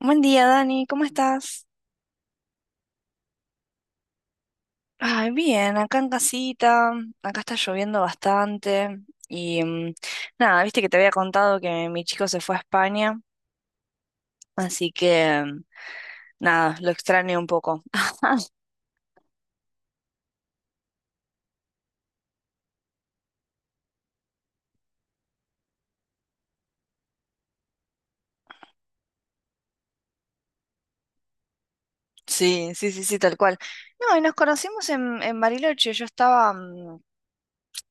Buen día, Dani, ¿cómo estás? Ay, bien, acá en casita, acá está lloviendo bastante y nada, viste que te había contado que mi chico se fue a España, así que nada, lo extraño un poco. Sí, sí, sí, sí, tal cual. No, y nos conocimos en Bariloche, yo estaba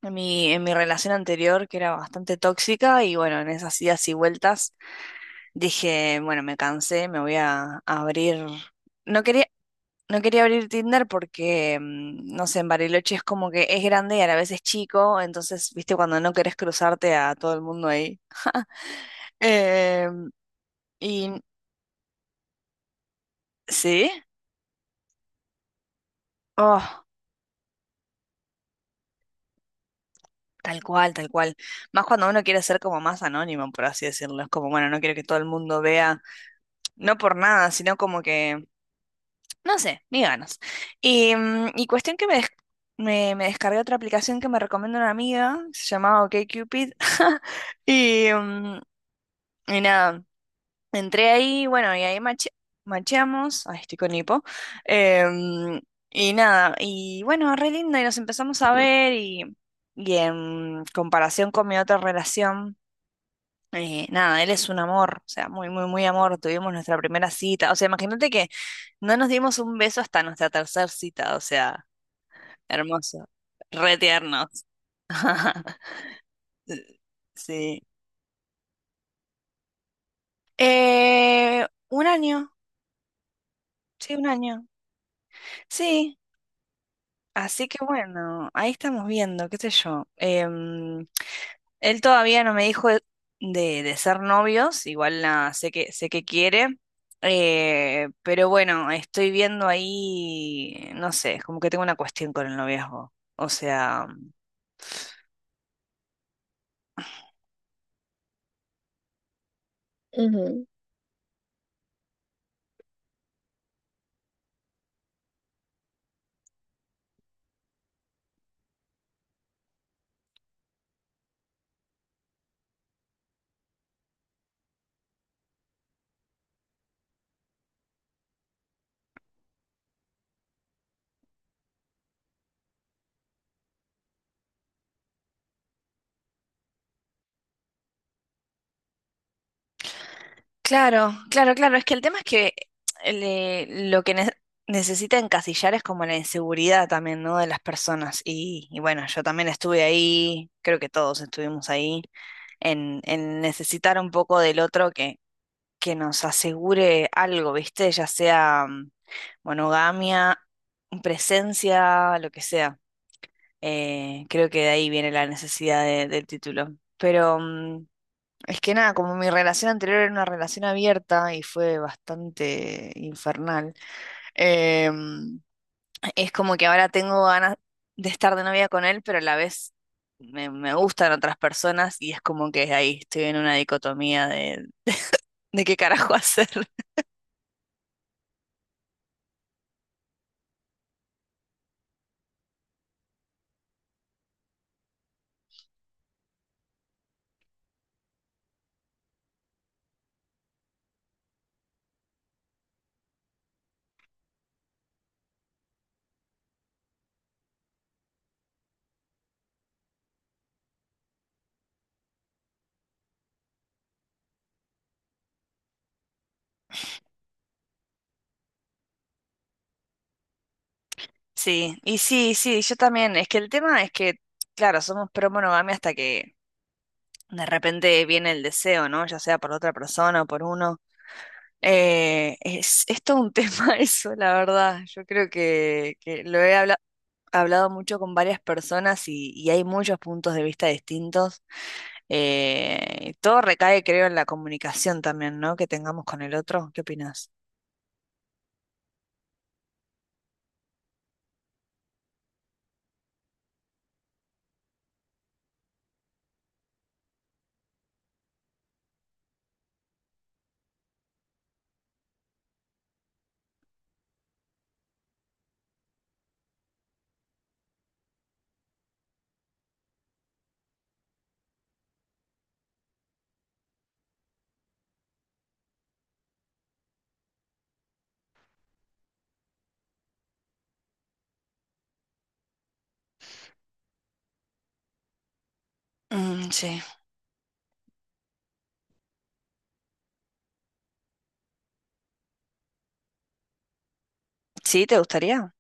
en mi relación anterior que era bastante tóxica y bueno, en esas idas y vueltas dije, bueno, me cansé, me voy a abrir. No quería, No quería abrir Tinder porque, no sé, en Bariloche es como que es grande y a la vez es chico, entonces, viste, cuando no querés cruzarte a todo el mundo ahí. Em, y sí, oh, tal cual, tal cual. Más cuando uno quiere ser como más anónimo, por así decirlo. Es como, bueno, no quiero que todo el mundo vea, no por nada, sino como que, no sé, ni ganas. Y, y cuestión que me descargué otra aplicación que me recomienda una amiga, se llamaba OkCupid. Y, y nada. Entré ahí, bueno, y ahí macheamos. Ay, estoy con hipo. Em, y nada, y bueno, re lindo, y nos empezamos a ver, y en comparación con mi otra relación, nada, él es un amor, o sea, muy, muy, muy amor. Tuvimos nuestra primera cita, o sea, imagínate que no nos dimos un beso hasta nuestra tercera cita, o sea, hermoso, re tiernos. Sí. Un año, sí, un año. Sí, así que bueno, ahí estamos viendo, qué sé yo. Él todavía no me dijo de ser novios, igual nada, sé que quiere, pero bueno, estoy viendo ahí, no sé, como que tengo una cuestión con el noviazgo. O sea, claro, claro, claro. Es que el tema es que eh, le- lo que ne- necesita encasillar es como la inseguridad también, ¿no? De las personas. Y bueno, yo también estuve ahí, creo que todos estuvimos ahí, en necesitar un poco del otro que nos asegure algo, ¿viste? Ya sea monogamia, presencia, lo que sea. Creo que de ahí viene la necesidad del título. Pero, es que nada, como mi relación anterior era una relación abierta y fue bastante infernal, em, es como que ahora tengo ganas de estar de novia con él, pero a la vez me gustan otras personas y es como que ahí estoy en una dicotomía de qué carajo hacer. Sí, y sí, sí, yo también. Es que el tema es que, claro, somos pro monogamia hasta que de repente viene el deseo, ¿no? Ya sea por otra persona o por uno. Es todo un tema eso, la verdad. Yo creo que hablado mucho con varias personas y hay muchos puntos de vista distintos. Y todo recae, creo, en la comunicación también, ¿no? Que tengamos con el otro. ¿Qué opinas? Mm, sí. ¿Sí? ¿Te gustaría?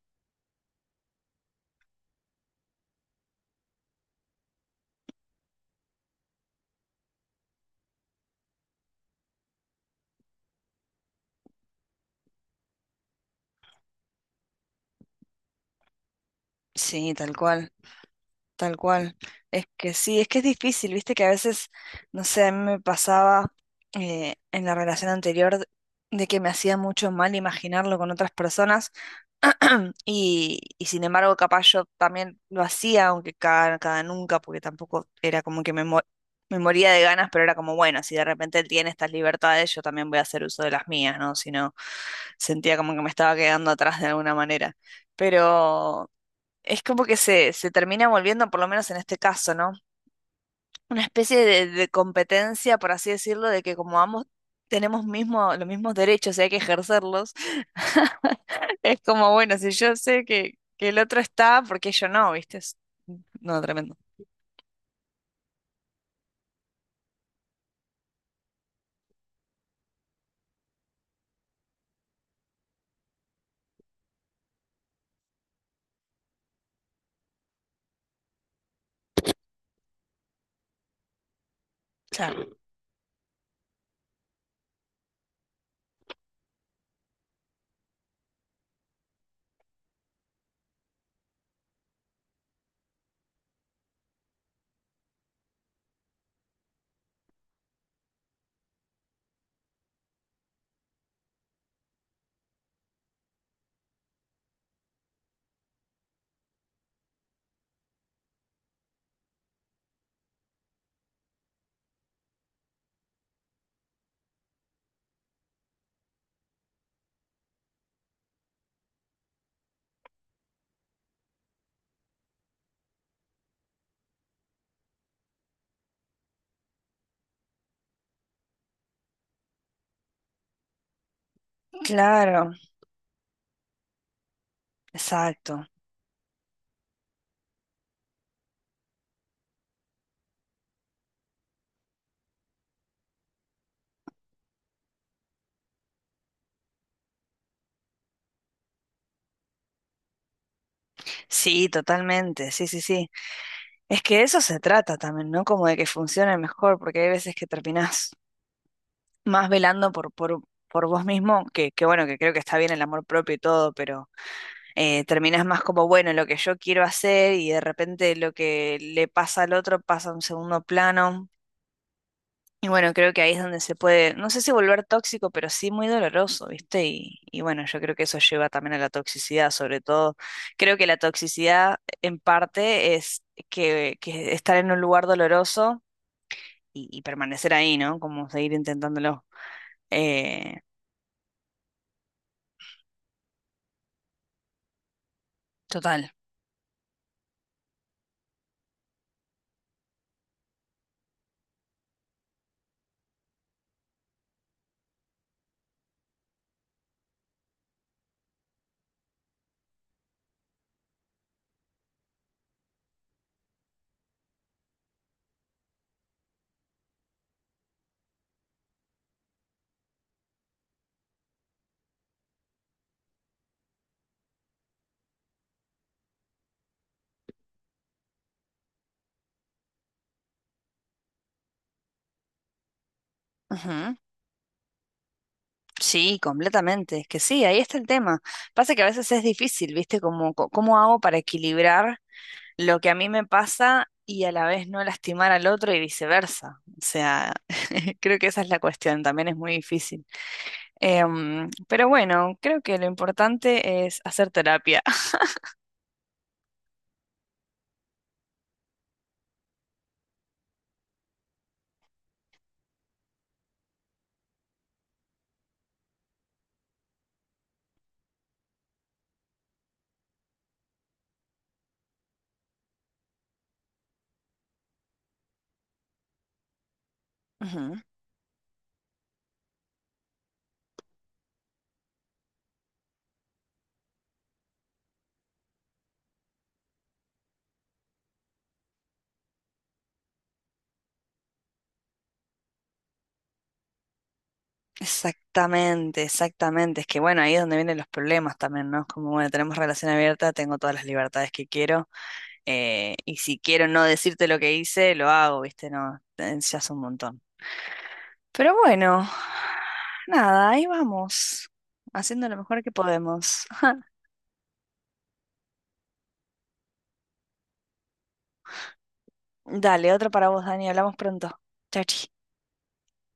Sí, tal cual. Tal cual. Es que sí, es que es difícil, viste que a veces, no sé, a mí me pasaba en la relación anterior de que me hacía mucho mal imaginarlo con otras personas y sin embargo capaz yo también lo hacía, aunque cada nunca, porque tampoco era como que me moría de ganas, pero era como, bueno, si de repente él tiene estas libertades, yo también voy a hacer uso de las mías, ¿no? Si no, sentía como que me estaba quedando atrás de alguna manera. Pero es como que se termina volviendo, por lo menos en este caso, ¿no? Una especie de competencia, por así decirlo, de que como ambos los mismos derechos y hay que ejercerlos, es como, bueno, si yo sé que el otro está, ¿por qué yo no? ¿Viste? Es... No, tremendo. Claro. Claro, exacto. Sí, totalmente, sí, sí, sí. Es que de eso se trata también, ¿no? Como de que funcione mejor, porque hay veces que terminás más velando por vos mismo, que bueno, que creo que está bien el amor propio y todo, pero terminás más como, bueno, lo que yo quiero hacer y de repente lo que le pasa al otro pasa a un segundo plano. Y bueno, creo que ahí es donde se puede, no sé si volver tóxico, pero sí muy doloroso, ¿viste? Y bueno, yo creo que eso lleva también a la toxicidad, sobre todo. Creo que la toxicidad en parte es que estar en un lugar doloroso y permanecer ahí, ¿no? Como seguir intentándolo. Eh, total. Ujú. Sí, completamente. Es que sí, ahí está el tema. Pasa que a veces es difícil, ¿viste? ¿Cómo hago para equilibrar lo que a mí me pasa y a la vez no lastimar al otro y viceversa? O sea, creo que esa es la cuestión, también es muy difícil. Pero bueno, creo que lo importante es hacer terapia. Ujú. Exactamente, exactamente. Es que bueno, ahí es donde vienen los problemas también, ¿no? Es como, bueno, tenemos relación abierta, tengo todas las libertades que quiero. Y si quiero no decirte lo que hice, lo hago, ¿viste? No, ya es un montón. Pero bueno, nada, ahí vamos, haciendo lo mejor que podemos. Dale, otro para vos, Dani, hablamos pronto. Chao, chi.